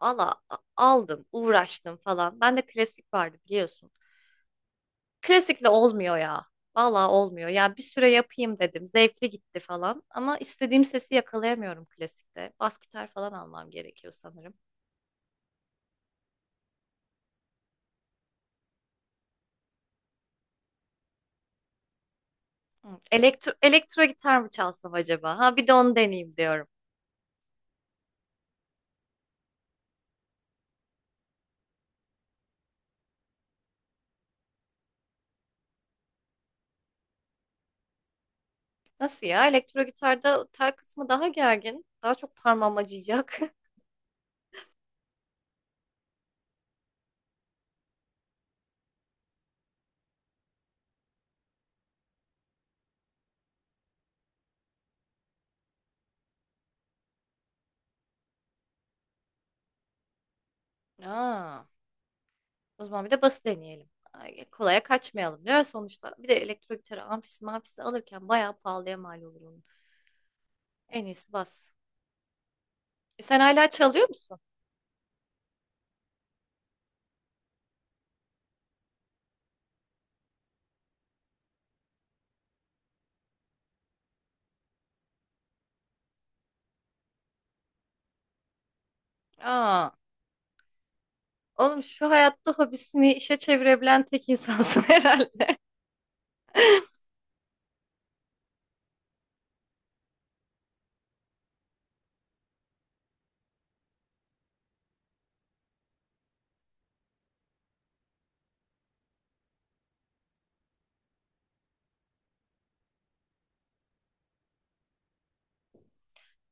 Valla aldım, uğraştım falan. Bende klasik vardı biliyorsun. Klasikle olmuyor ya. Valla olmuyor. Ya bir süre yapayım dedim. Zevkli gitti falan. Ama istediğim sesi yakalayamıyorum klasikte. Bas gitar falan almam gerekiyor sanırım. Hı. Elektro gitar mı çalsam acaba? Ha bir de onu deneyeyim diyorum. Nasıl ya? Elektro gitarda tel kısmı daha gergin. Daha çok parmağım acıyacak. Aa. O zaman bir de bası deneyelim. Ay, kolaya kaçmayalım diyor sonuçta. Bir de elektro gitarı amfisi mafisi alırken bayağı pahalıya mal olur onun. En iyisi bas. E, sen hala çalıyor musun? Aa, oğlum şu hayatta hobisini işe çevirebilen tek insansın herhalde.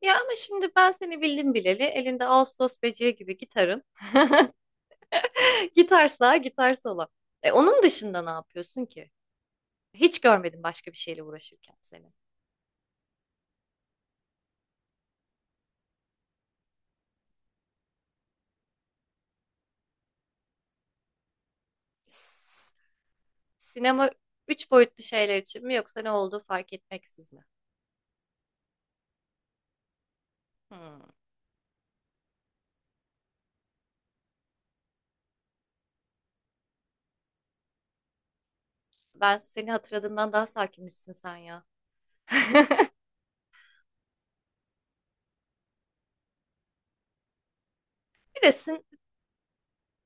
Ya ama şimdi ben seni bildim bileli elinde ağustos böceği gibi gitarın. Gitar sağa gitar sola. E, onun dışında ne yapıyorsun ki? Hiç görmedim başka bir şeyle uğraşırken seni. Sinema üç boyutlu şeyler için mi yoksa ne olduğu fark etmeksiz mi? Hmm. Ben seni hatırladığımdan daha sakinmişsin sen ya. Bir de sin...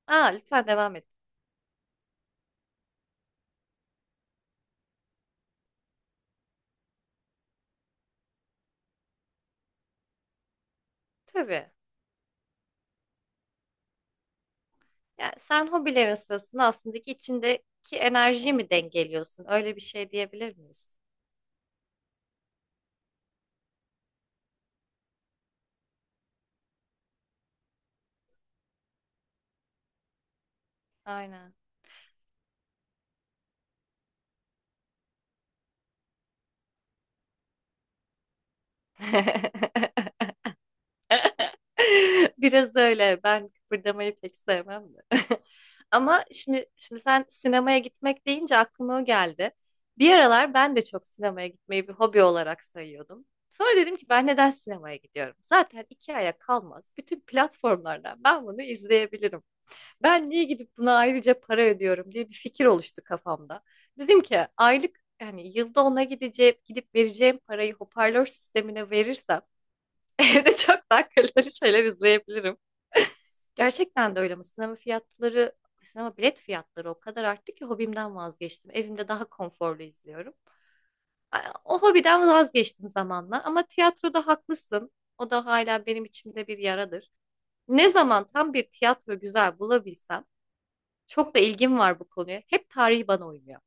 Aa, lütfen devam et. Tabii. Yani sen hobilerin sırasında aslında ki içindeki enerjiyi mi dengeliyorsun? Öyle bir şey diyebilir miyiz? Aynen. Biraz öyle. Ben kıpırdamayı pek sevmem de. Ama şimdi sen sinemaya gitmek deyince aklıma o geldi. Bir aralar ben de çok sinemaya gitmeyi bir hobi olarak sayıyordum. Sonra dedim ki ben neden sinemaya gidiyorum? Zaten 2 aya kalmaz. Bütün platformlardan ben bunu izleyebilirim. Ben niye gidip buna ayrıca para ödüyorum diye bir fikir oluştu kafamda. Dedim ki aylık yani yılda ona gideceğim, gidip vereceğim parayı hoparlör sistemine verirsem evde çok daha kaliteli şeyler izleyebilirim. Gerçekten de öyle ama sinema fiyatları, sinema bilet fiyatları o kadar arttı ki hobimden vazgeçtim. Evimde daha konforlu izliyorum. O hobiden vazgeçtim zamanla ama tiyatroda haklısın. O da hala benim içimde bir yaradır. Ne zaman tam bir tiyatro güzel bulabilsem, çok da ilgim var bu konuya. Hep tarih bana uymuyor.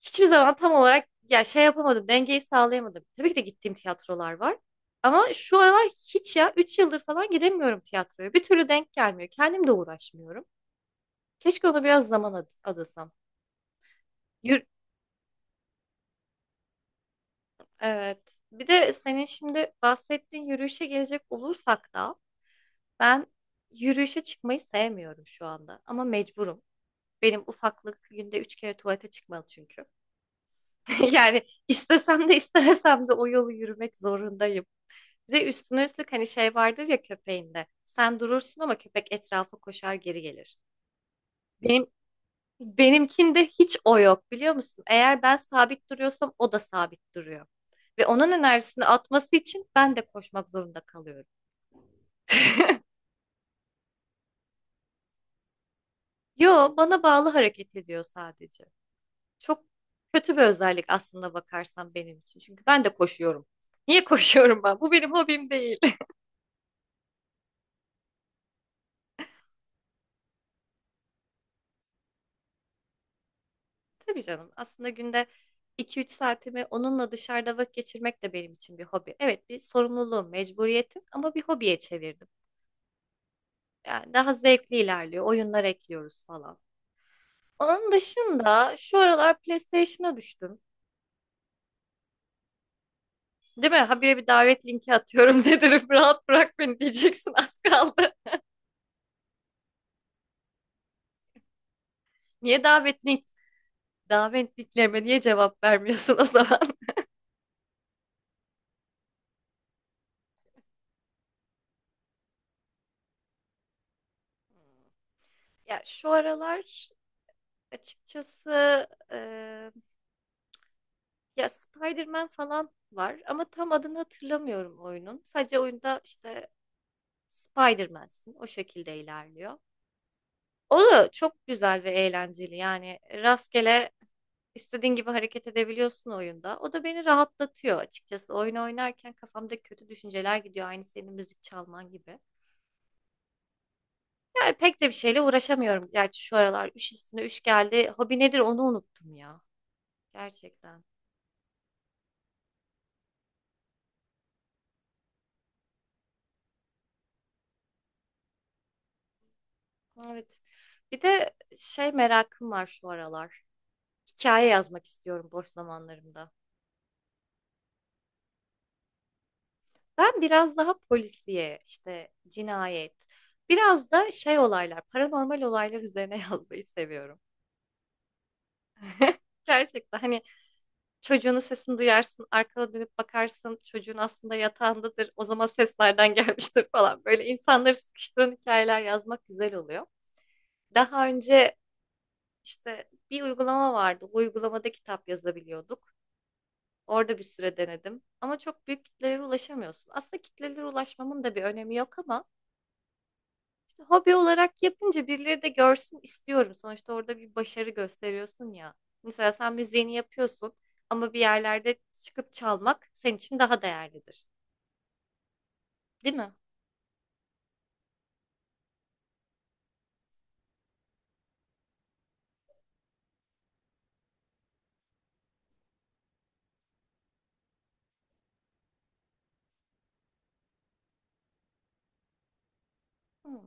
Hiçbir zaman tam olarak ya şey yapamadım, dengeyi sağlayamadım. Tabii ki de gittiğim tiyatrolar var. Ama şu aralar hiç ya 3 yıldır falan gidemiyorum tiyatroya. Bir türlü denk gelmiyor. Kendim de uğraşmıyorum. Keşke ona biraz zaman adasam. Yür- evet. Bir de senin şimdi bahsettiğin yürüyüşe gelecek olursak da ben yürüyüşe çıkmayı sevmiyorum şu anda ama mecburum. Benim ufaklık günde 3 kere tuvalete çıkmalı çünkü. Yani istesem de istemesem de o yolu yürümek zorundayım. Bir de üstüne üstlük hani şey vardır ya köpeğinde. Sen durursun ama köpek etrafa koşar geri gelir. Benim Benimkinde hiç o yok biliyor musun? Eğer ben sabit duruyorsam o da sabit duruyor. Ve onun enerjisini atması için ben de koşmak zorunda kalıyorum. Yo, bana bağlı hareket ediyor sadece. Çok kötü bir özellik aslında bakarsan benim için. Çünkü ben de koşuyorum. Niye koşuyorum ben? Bu benim hobim değil. Tabii canım. Aslında günde 2-3 saatimi onunla dışarıda vakit geçirmek de benim için bir hobi. Evet, bir sorumluluğum, mecburiyetim ama bir hobiye çevirdim. Yani daha zevkli ilerliyor. Oyunlar ekliyoruz falan. Onun dışında şu aralar PlayStation'a düştüm. Değil mi? Habire bir davet linki atıyorum dedim. Rahat bırak beni diyeceksin az kaldı. Niye davet linklerime niye cevap vermiyorsun o zaman? Ya şu aralar açıkçası eee, ya Spider-Man falan var ama tam adını hatırlamıyorum oyunun. Sadece oyunda işte Spider-Man'sin o şekilde ilerliyor. O da çok güzel ve eğlenceli yani rastgele İstediğin gibi hareket edebiliyorsun oyunda. O da beni rahatlatıyor açıkçası. Oyun oynarken kafamda kötü düşünceler gidiyor. Aynı senin müzik çalman gibi. Yani pek de bir şeyle uğraşamıyorum. Gerçi şu aralar üç üstüne üç geldi. Hobi nedir onu unuttum ya. Gerçekten. Evet. Bir de şey merakım var şu aralar. Hikaye yazmak istiyorum boş zamanlarımda. Ben biraz daha polisiye, işte cinayet, biraz da şey olaylar, paranormal olaylar üzerine yazmayı seviyorum. Gerçekten hani çocuğunun sesini duyarsın, arkana dönüp bakarsın, çocuğun aslında yatağındadır, o zaman seslerden gelmiştir falan. Böyle insanları sıkıştıran hikayeler yazmak güzel oluyor. Daha önce işte bir uygulama vardı, bu uygulamada kitap yazabiliyorduk. Orada bir süre denedim ama çok büyük kitlelere ulaşamıyorsun. Aslında kitlelere ulaşmamın da bir önemi yok ama İşte hobi olarak yapınca birileri de görsün istiyorum. Sonuçta orada bir başarı gösteriyorsun ya. Mesela sen müziğini yapıyorsun ama bir yerlerde çıkıp çalmak senin için daha değerlidir. Değil mi? Hmm.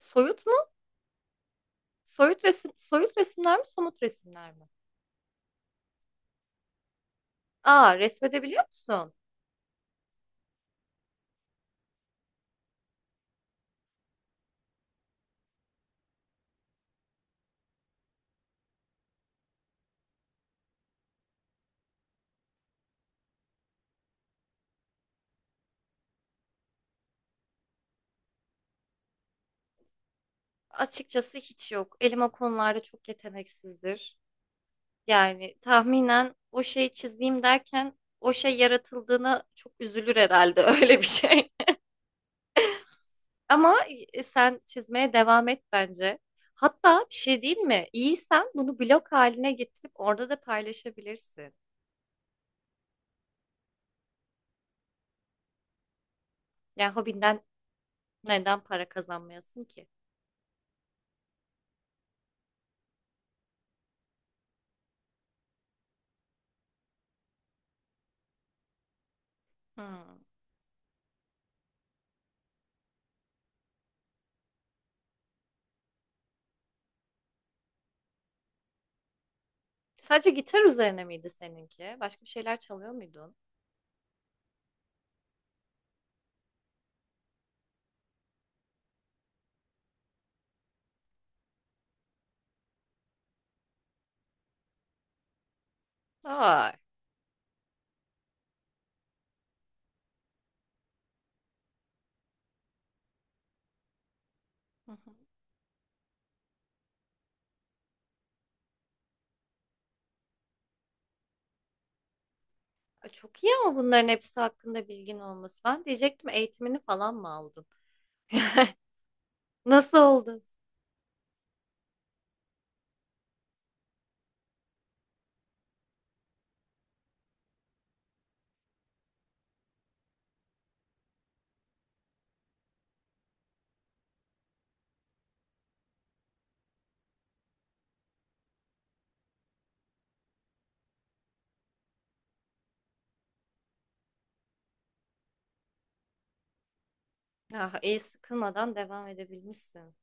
Soyut mu? Soyut resim, soyut resimler mi, somut resimler mi? Aa, resmedebiliyor musun? Açıkçası hiç yok. Elim o konularda çok yeteneksizdir. Yani tahminen o şeyi çizeyim derken o şey yaratıldığına çok üzülür herhalde öyle bir şey. Ama e, sen çizmeye devam et bence. Hatta bir şey diyeyim mi? İyiysen bunu blog haline getirip orada da paylaşabilirsin. Yani hobinden neden para kazanmayasın ki? Hmm. Sadece gitar üzerine miydi seninki? Başka bir şeyler çalıyor muydun? Ay. Hı hı. Ay, çok iyi ama bunların hepsi hakkında bilgin olması. Ben diyecektim eğitimini falan mı aldın? Nasıl oldu? Ah, iyi sıkılmadan devam edebilmişsin.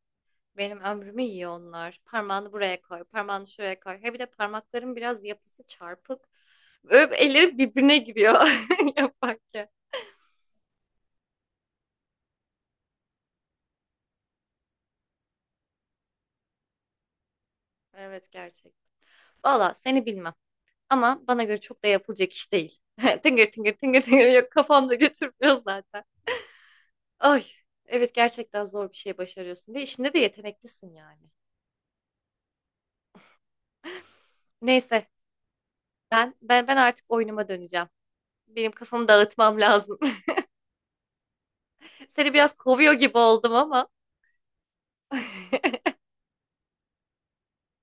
Benim ömrümü yiyor onlar. Parmağını buraya koy, parmağını şuraya koy. He bir de parmakların biraz yapısı çarpık. Böyle elleri birbirine giriyor yaparken. Evet gerçek. Valla seni bilmem. Ama bana göre çok da yapılacak iş değil. Tıngır tıngır tıngır tıngır yok kafamda götürmüyor zaten. Ay evet gerçekten zor bir şey başarıyorsun ve işinde de yeteneklisin yani. Neyse ben artık oyunuma döneceğim. Benim kafamı dağıtmam lazım. Seni biraz kovuyor gibi oldum ama.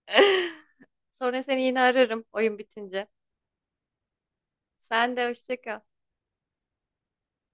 Sonra seni yine ararım oyun bitince. Sen de hoşça kal.